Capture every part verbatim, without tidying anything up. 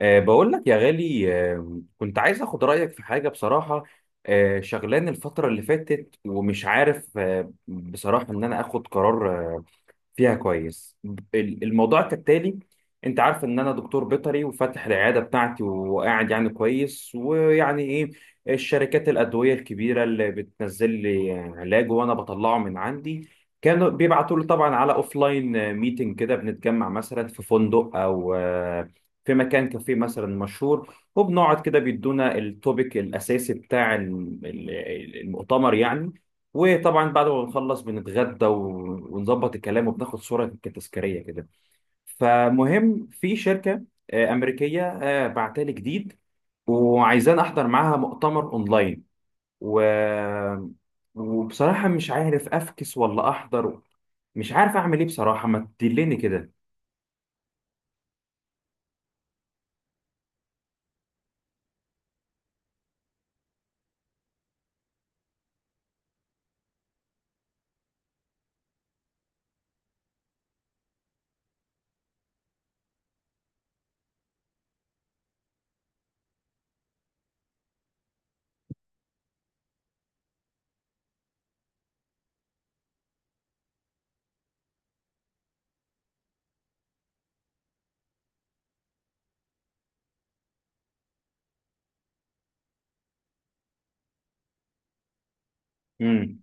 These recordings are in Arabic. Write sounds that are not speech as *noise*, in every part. أه بقول لك يا غالي، أه كنت عايز اخد رأيك في حاجة بصراحة. أه شغلان الفترة اللي فاتت ومش عارف، أه بصراحة ان انا اخد قرار آه، فيها كويس. ال- الموضوع كالتالي. انت عارف ان انا دكتور بيطري وفاتح العياده بتاعتي وقاعد يعني كويس، ويعني ايه الشركات الادويه الكبيره اللي بتنزل لي علاج وانا بطلعه من عندي. كانوا بيبعتوا لي طبعا على اوف لاين ميتنج، كده بنتجمع مثلا في فندق او آه، في مكان كافيه مثلا مشهور، وبنقعد كده بيدونا التوبيك الاساسي بتاع الم- ال- المؤتمر يعني. وطبعا بعد ما بنخلص بنتغدى و- ونظبط الكلام وبناخد صورة تذكارية كده. فمهم في شركة آه، أمريكية آه، بعتالي جديد، وعايزان أحضر معاها مؤتمر أونلاين و... وبصراحة مش عارف أفكس ولا أحضر. مش عارف أعمل إيه بصراحة، ما تدلني كده. مم.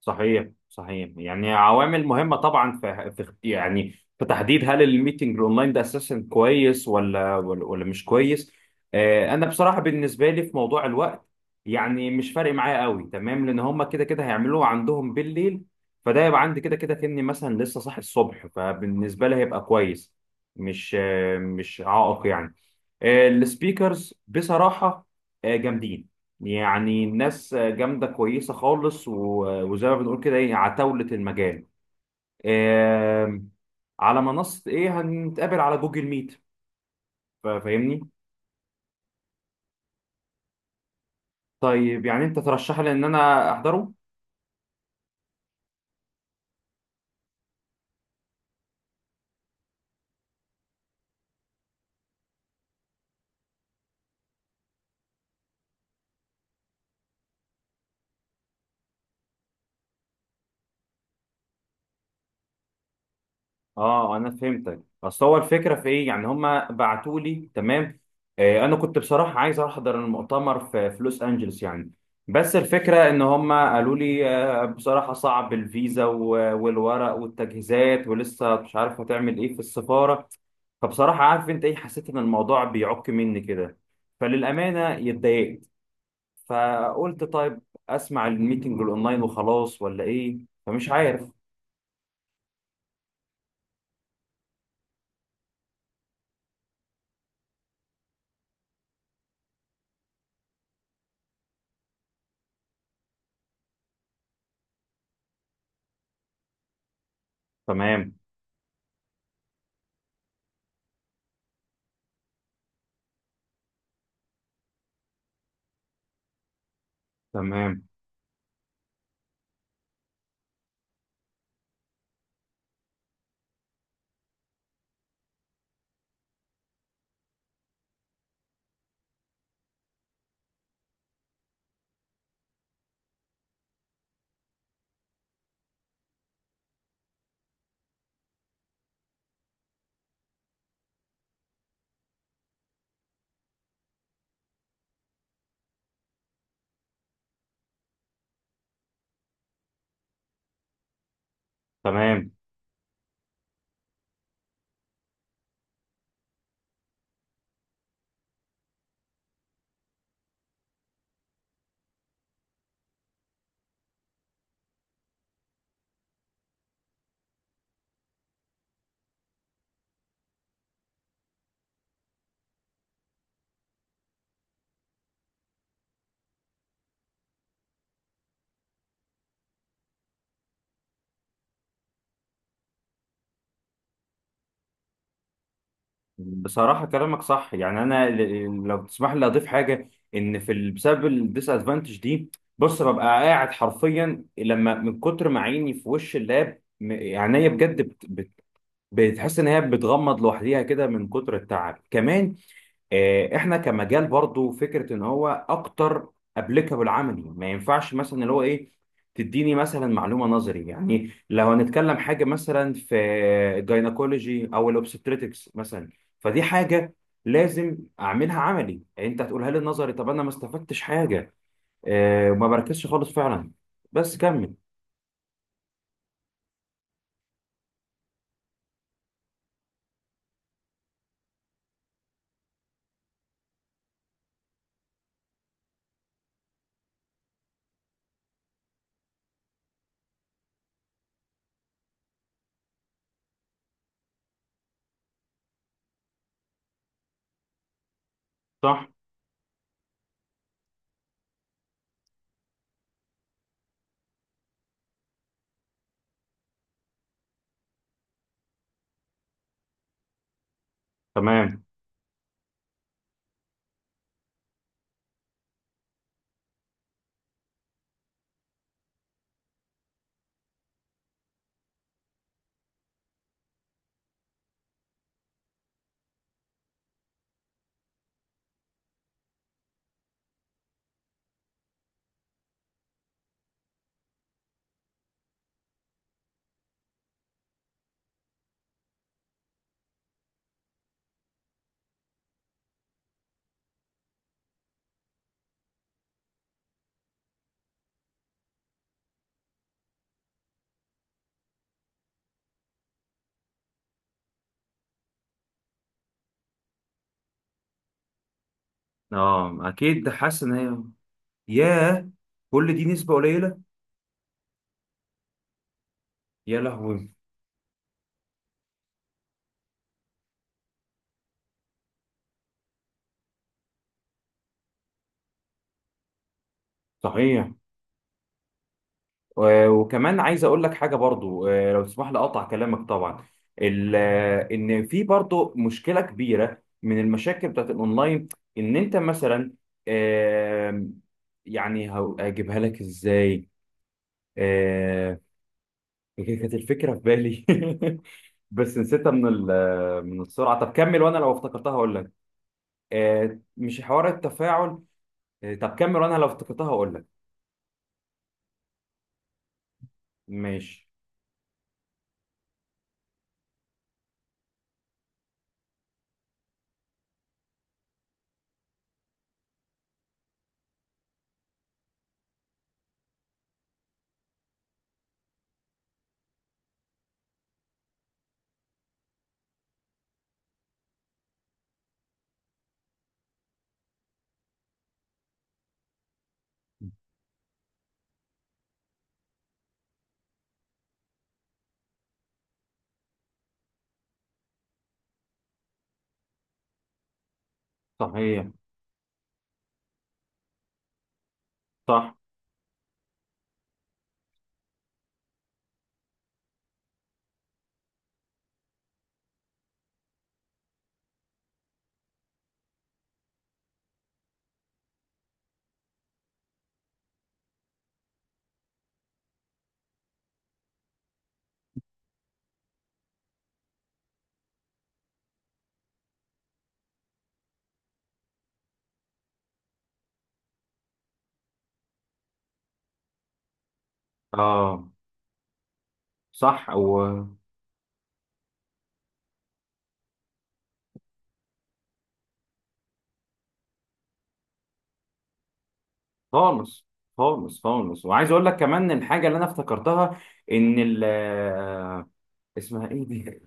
صحيح، صحيح، يعني عوامل مهمة طبعا في في اخت- يعني في تحديد هل الميتنج الاونلاين ده اساسا كويس ولا ولا, ولا مش كويس. آه، انا بصراحة بالنسبة لي في موضوع الوقت، يعني مش فارق معايا قوي تمام، لان هم كده كده هيعملوه عندهم بالليل. فده يبقى عندي كده كده كأني مثلا لسه صاحي الصبح، فبالنسبة لي هيبقى كويس، مش آه، مش عائق يعني. السبيكرز بصراحة آه، جامدين، يعني الناس آه، جامدة كويسة خالص، و- وزي ما بنقول كده ايه عتاولة المجال. آم، على منصة ايه؟ هنتقابل على جوجل ميت، فا- فاهمني. طيب، يعني انت ترشح لي ان انا احضره؟ اه، انا فهمتك، اصل هو الفكره في ايه، يعني هما بعتوا لي تمام. آه انا كنت بصراحه عايز احضر المؤتمر في في لوس انجلوس يعني، بس الفكره ان هما قالوا لي آه بصراحه صعب الفيزا و- والورق والتجهيزات، ولسه مش عارف هتعمل ايه في السفاره. فبصراحه عارف انت ايه، حسيت ان الموضوع بيعك مني كده، فللامانه اتضايقت. فقلت طيب، اسمع الميتنج الاونلاين وخلاص، ولا ايه؟ فمش عارف. تمام. تمام. تمام. بصراحة كلامك صح، يعني أنا ل- لو تسمح لي أضيف حاجة، إن في ال- بسبب الديس أدفانتج دي. بص، ببقى قاعد حرفيا لما من كتر ما عيني في وش اللاب م- عينيا بجد بت- بت- بتحس إن هي بتغمض لوحديها كده من كتر التعب كمان. آه، احنا كمجال برضو فكره ان هو اكتر ابليكابل عملي، ما ينفعش مثلا اللي هو ايه، تديني مثلا معلومه نظري، يعني لو هنتكلم حاجه مثلا في الجاينكولوجي او الاوبستريتكس مثلا، فدي حاجه لازم اعملها عملي، انت هتقولها لي نظري، طب انا ما استفدتش حاجه. آه، وما بركزش خالص فعلا، بس كمل. صح. تمام. اه، اكيد حاسس ان هي. ياه، كل دي نسبه قليله. يا لهوي. صحيح. و- وكمان عايز اقول لك حاجه برضو، آه، لو تسمح لي اقطع كلامك طبعا. ال- آه، ان في برضو مشكله كبيره من المشاكل بتاعت الاونلاين، ان انت مثلا، آم، يعني هو- هجيبها لك ازاي؟ آه، كانت الفكره في بالي *laughs* بس نسيتها من ال- من السرعه، طب كمل وانا لو افتكرتها هقول لك. آه، مش حوار، التفاعل. آه، طب كمل وانا لو افتكرتها هقول لك. ماشي. صحيح. صح. اه. صح. خالص، خالص، خالص، وعايز اقول لك كمان الحاجه اللي انا افتكرتها، ان ال آه، اسمها ايه دي؟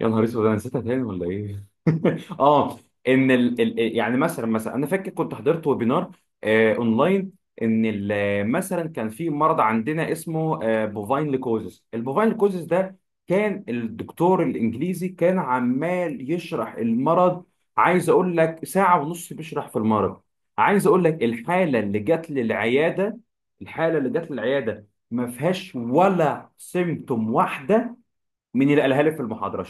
يا نهار اسود، انا نسيتها تاني ولا ايه؟ *laughs* اه، ان ال... ال... يعني مثلا مثلا انا فاكر كنت حضرت ويبينار آه اونلاين، ان ال... مثلا كان في مرض عندنا اسمه آه بوفاين ليكوزيس. البوفاين ليكوزيس ده كان الدكتور الانجليزي كان عمال يشرح المرض، عايز اقول لك ساعة ونص بيشرح في المرض. عايز اقول لك، الحالة اللي جت للعيادة، الحالة اللي جت للعيادة ما فيهاش ولا سيمتوم واحدة من اللي قالها لي في المحاضرة.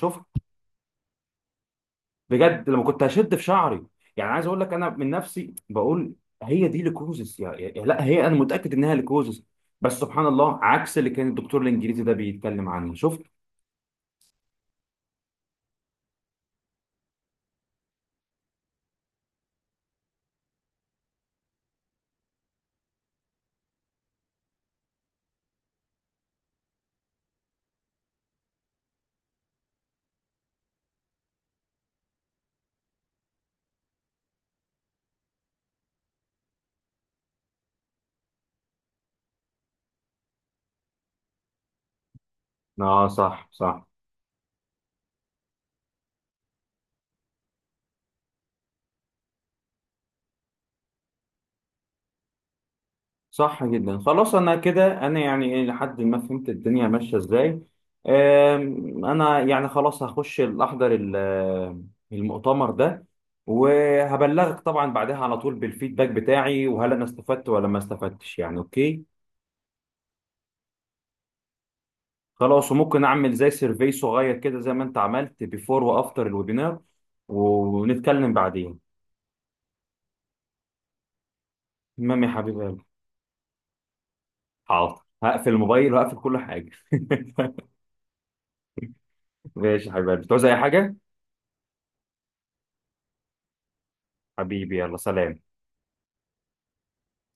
بجد لما كنت هشد في شعري، يعني عايز اقول لك انا من نفسي بقول هي دي ليكوزس، يا يا- لا هي، انا متاكد انها ليكوزس، بس سبحان الله عكس اللي كان الدكتور الانجليزي ده بيتكلم عنه، شفت؟ اه، صح، صح. صح جدا، خلاص انا كده، انا يعني إيه، لحد ما فهمت الدنيا ماشيه ازاي. آم، انا يعني خلاص هخش الاحضر ال- المؤتمر ده، وهبلغك طبعا بعدها على طول بالفيدباك بتاعي، وهل انا استفدت ولا ما استفدتش، يعني اوكي. خلاص، وممكن اعمل زي سيرفي صغير كده زي ما انت عملت بيفور وافتر الويبينار، ونتكلم بعدين. تمام يا حبيب قلبي، حاضر، هقفل الموبايل وهقفل كل حاجه. *laughs* ماشي يا حبيب قلبي، تعوز اي حاجه؟ حبيبي، يلا سلام.